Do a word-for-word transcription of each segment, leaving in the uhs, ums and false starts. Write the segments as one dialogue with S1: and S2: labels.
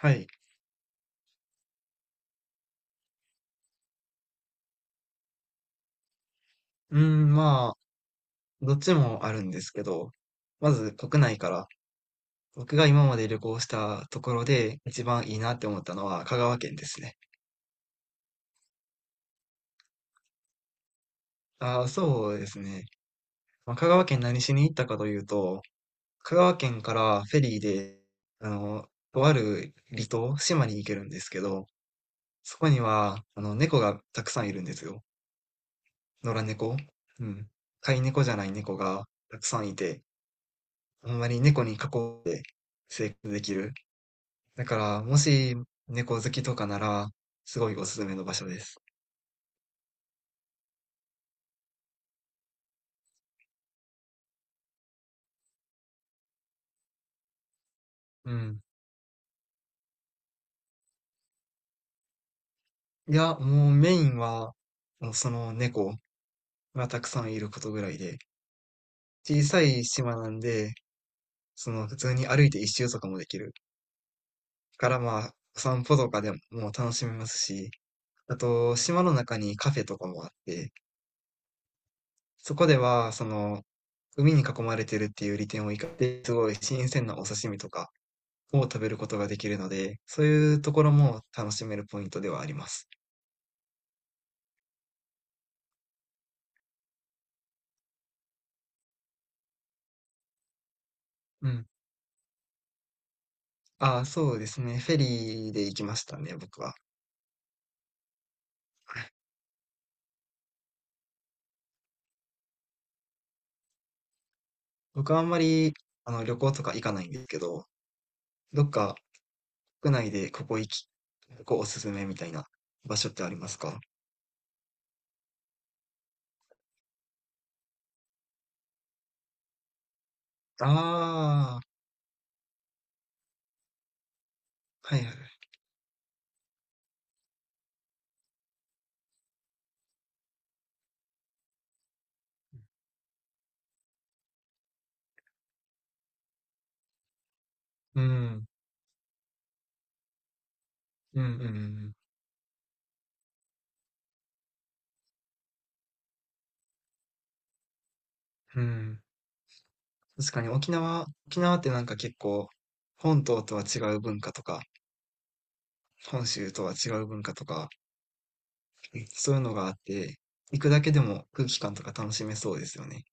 S1: はい。うーん、まあ、どっちもあるんですけど、まず国内から、僕が今まで旅行したところで一番いいなって思ったのは香川県ですね。ああ、そうですね。まあ、香川県何しに行ったかというと、香川県からフェリーで、あの、とある離島、島に行けるんですけど、そこには、あの、猫がたくさんいるんですよ。野良猫。うん。飼い猫じゃない猫がたくさんいて、ほんまに猫に囲って生活できる。だから、もし猫好きとかなら、すごいおすすめの場所です。うん。いや、もうメインは、もうその猫がたくさんいることぐらいで、小さい島なんで、その普通に歩いて一周とかもできる。からまあ、散歩とかでももう楽しめますし、あと、島の中にカフェとかもあって、そこでは、その、海に囲まれてるっていう利点を生かして、すごい新鮮なお刺身とか、を食べることができるので、そういうところも楽しめるポイントではあります。うん。ああ、そうですね。フェリーで行きましたね、僕は。僕はあんまり、あの、旅行とか行かないんですけど、どっか国内でここ行き、ここおすすめみたいな場所ってありますか？ああ、はいはい。うん、うん、うん、うん。うん、確かに沖縄、沖縄ってなんか結構、本島とは違う文化とか、本州とは違う文化とか、そういうのがあって、行くだけでも空気感とか楽しめそうですよね。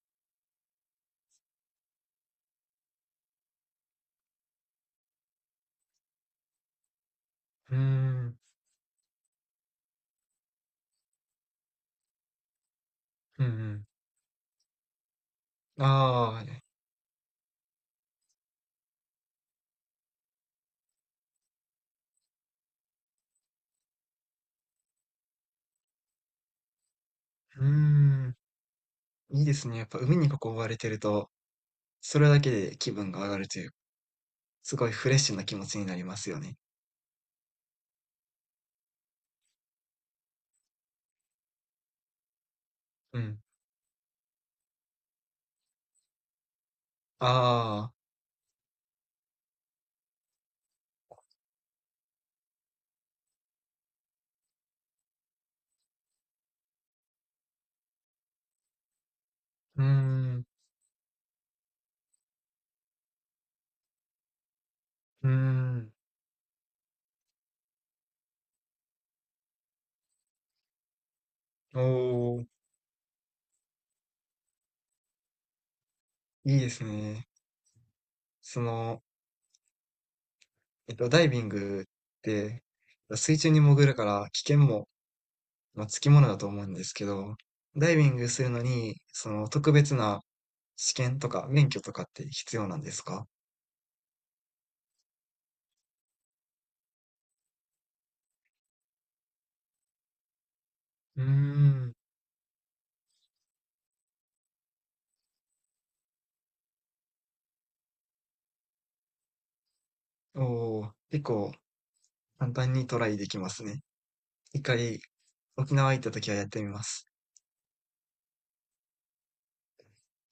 S1: うーん、うんうん。ああ、うーん、いいですね。やっぱ海に囲われてると、それだけで気分が上がるという、すごいフレッシュな気持ちになりますよね。うん。ああ、うーん、うーん。おお、いいですね。その、えっと、ダイビングって、水中に潜るから危険もまあ、つきものだと思うんですけど、ダイビングするのに、その特別な試験とか免許とかって必要なんですか？うーん。おー、結構簡単にトライできますね。一回沖縄行った時はやってみます。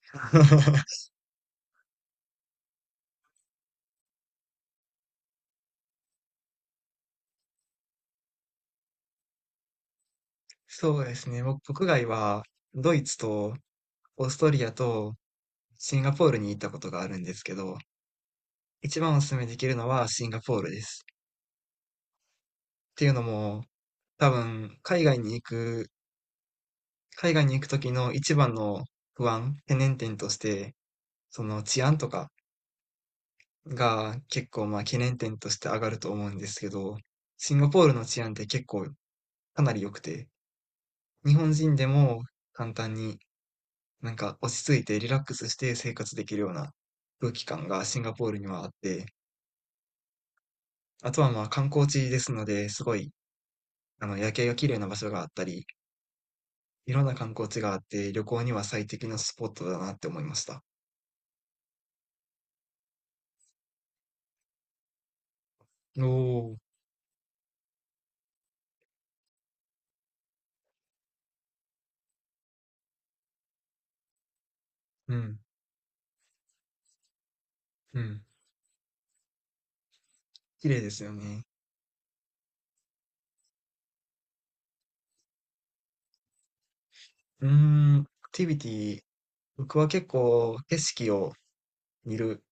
S1: そうですね。僕、国外はドイツとオーストリアとシンガポールに行ったことがあるんですけど、一番お勧めできるのはシンガポールです。っていうのも、多分海外に行く海外に行く時の一番の不安、懸念点として、その治安とかが結構まあ懸念点として上がると思うんですけど、シンガポールの治安って結構かなり良くて、日本人でも簡単になんか落ち着いてリラックスして生活できるような空気感がシンガポールにはあって、あとはまあ観光地ですので、すごいあの夜景が綺麗な場所があったり、いろんな観光地があって旅行には最適なスポットだなって思いました。おお、うん、うん。綺麗ですよね。うーん、アクティビティ、僕は結構景色を見る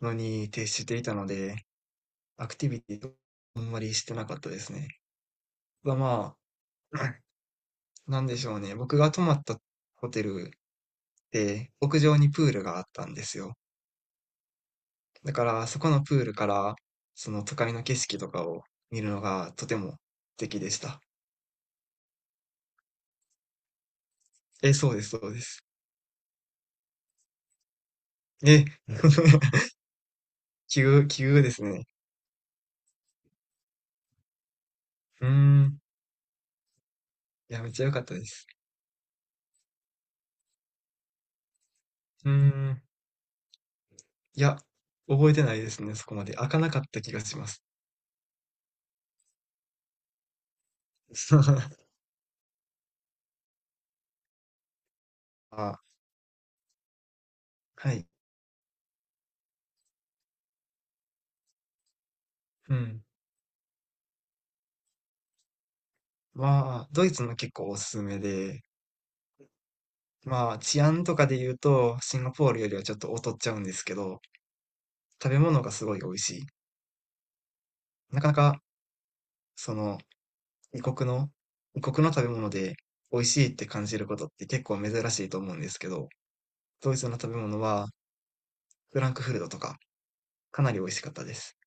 S1: のに徹していたので、アクティビティをあんまりしてなかったですね。はまあ、なんでしょうね。僕が泊まったホテルで屋上にプールがあったんですよ。だからそこのプールからその都会の景色とかを見るのがとても素敵でした。え、そうです、そうです。え、急、急ですね。うーん、いや、めっちゃ良かったです。うーん。いや、覚えてないですね、そこまで。開かなかった気がします。あ、はい。うん。まあ、ドイツも結構おすすめで、まあ、治安とかで言うと、シンガポールよりはちょっと劣っちゃうんですけど、食べ物がすごい美味しい。なかなか、その、異国の、異国の食べ物で美味しいって感じることって結構珍しいと思うんですけど、ドイツの食べ物は、フランクフルトとか、かなり美味しかったです。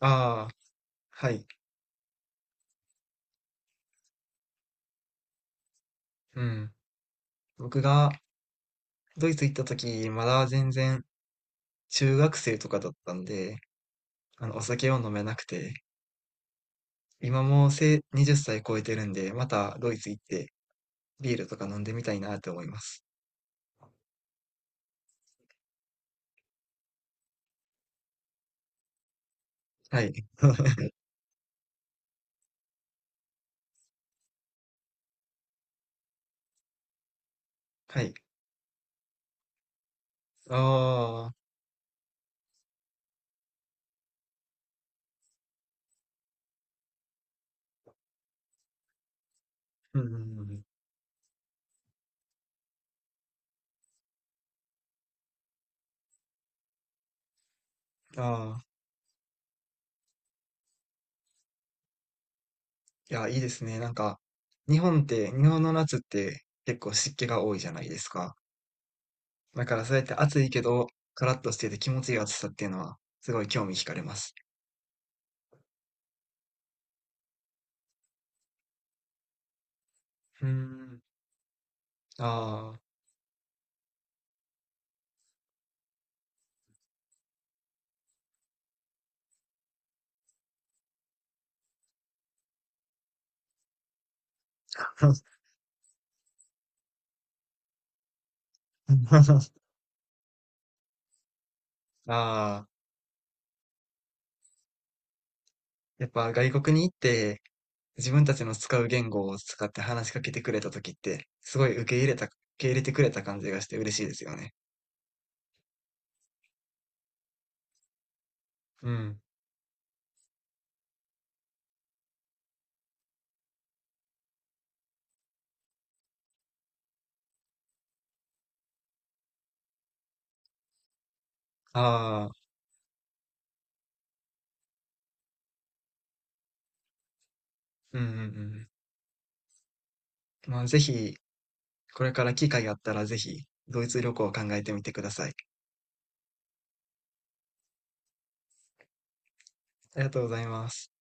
S1: ああ、はい。うん。僕がドイツ行った時、まだ全然中学生とかだったんで、あの、お酒を飲めなくて、今もうせはたち超えてるんで、またドイツ行ってビールとか飲んでみたいなって思います。はい。はい。ああ、うんうんうん、ああ、いや、いいですね。なんか、日本って、日本の夏って結構湿気が多いじゃないですか。だからそうやって暑いけど、カラッとしてて気持ちいい暑さっていうのは、すごい興味惹かれます。うーん。ああ。ああ。やっぱ外国に行って自分たちの使う言語を使って話しかけてくれた時ってすごい受け入れた、受け入れてくれた感じがして嬉しいですよね。うん。ああ、うんうんうん。まあぜひこれから機会があったらぜひドイツ旅行を考えてみてください。ありがとうございます。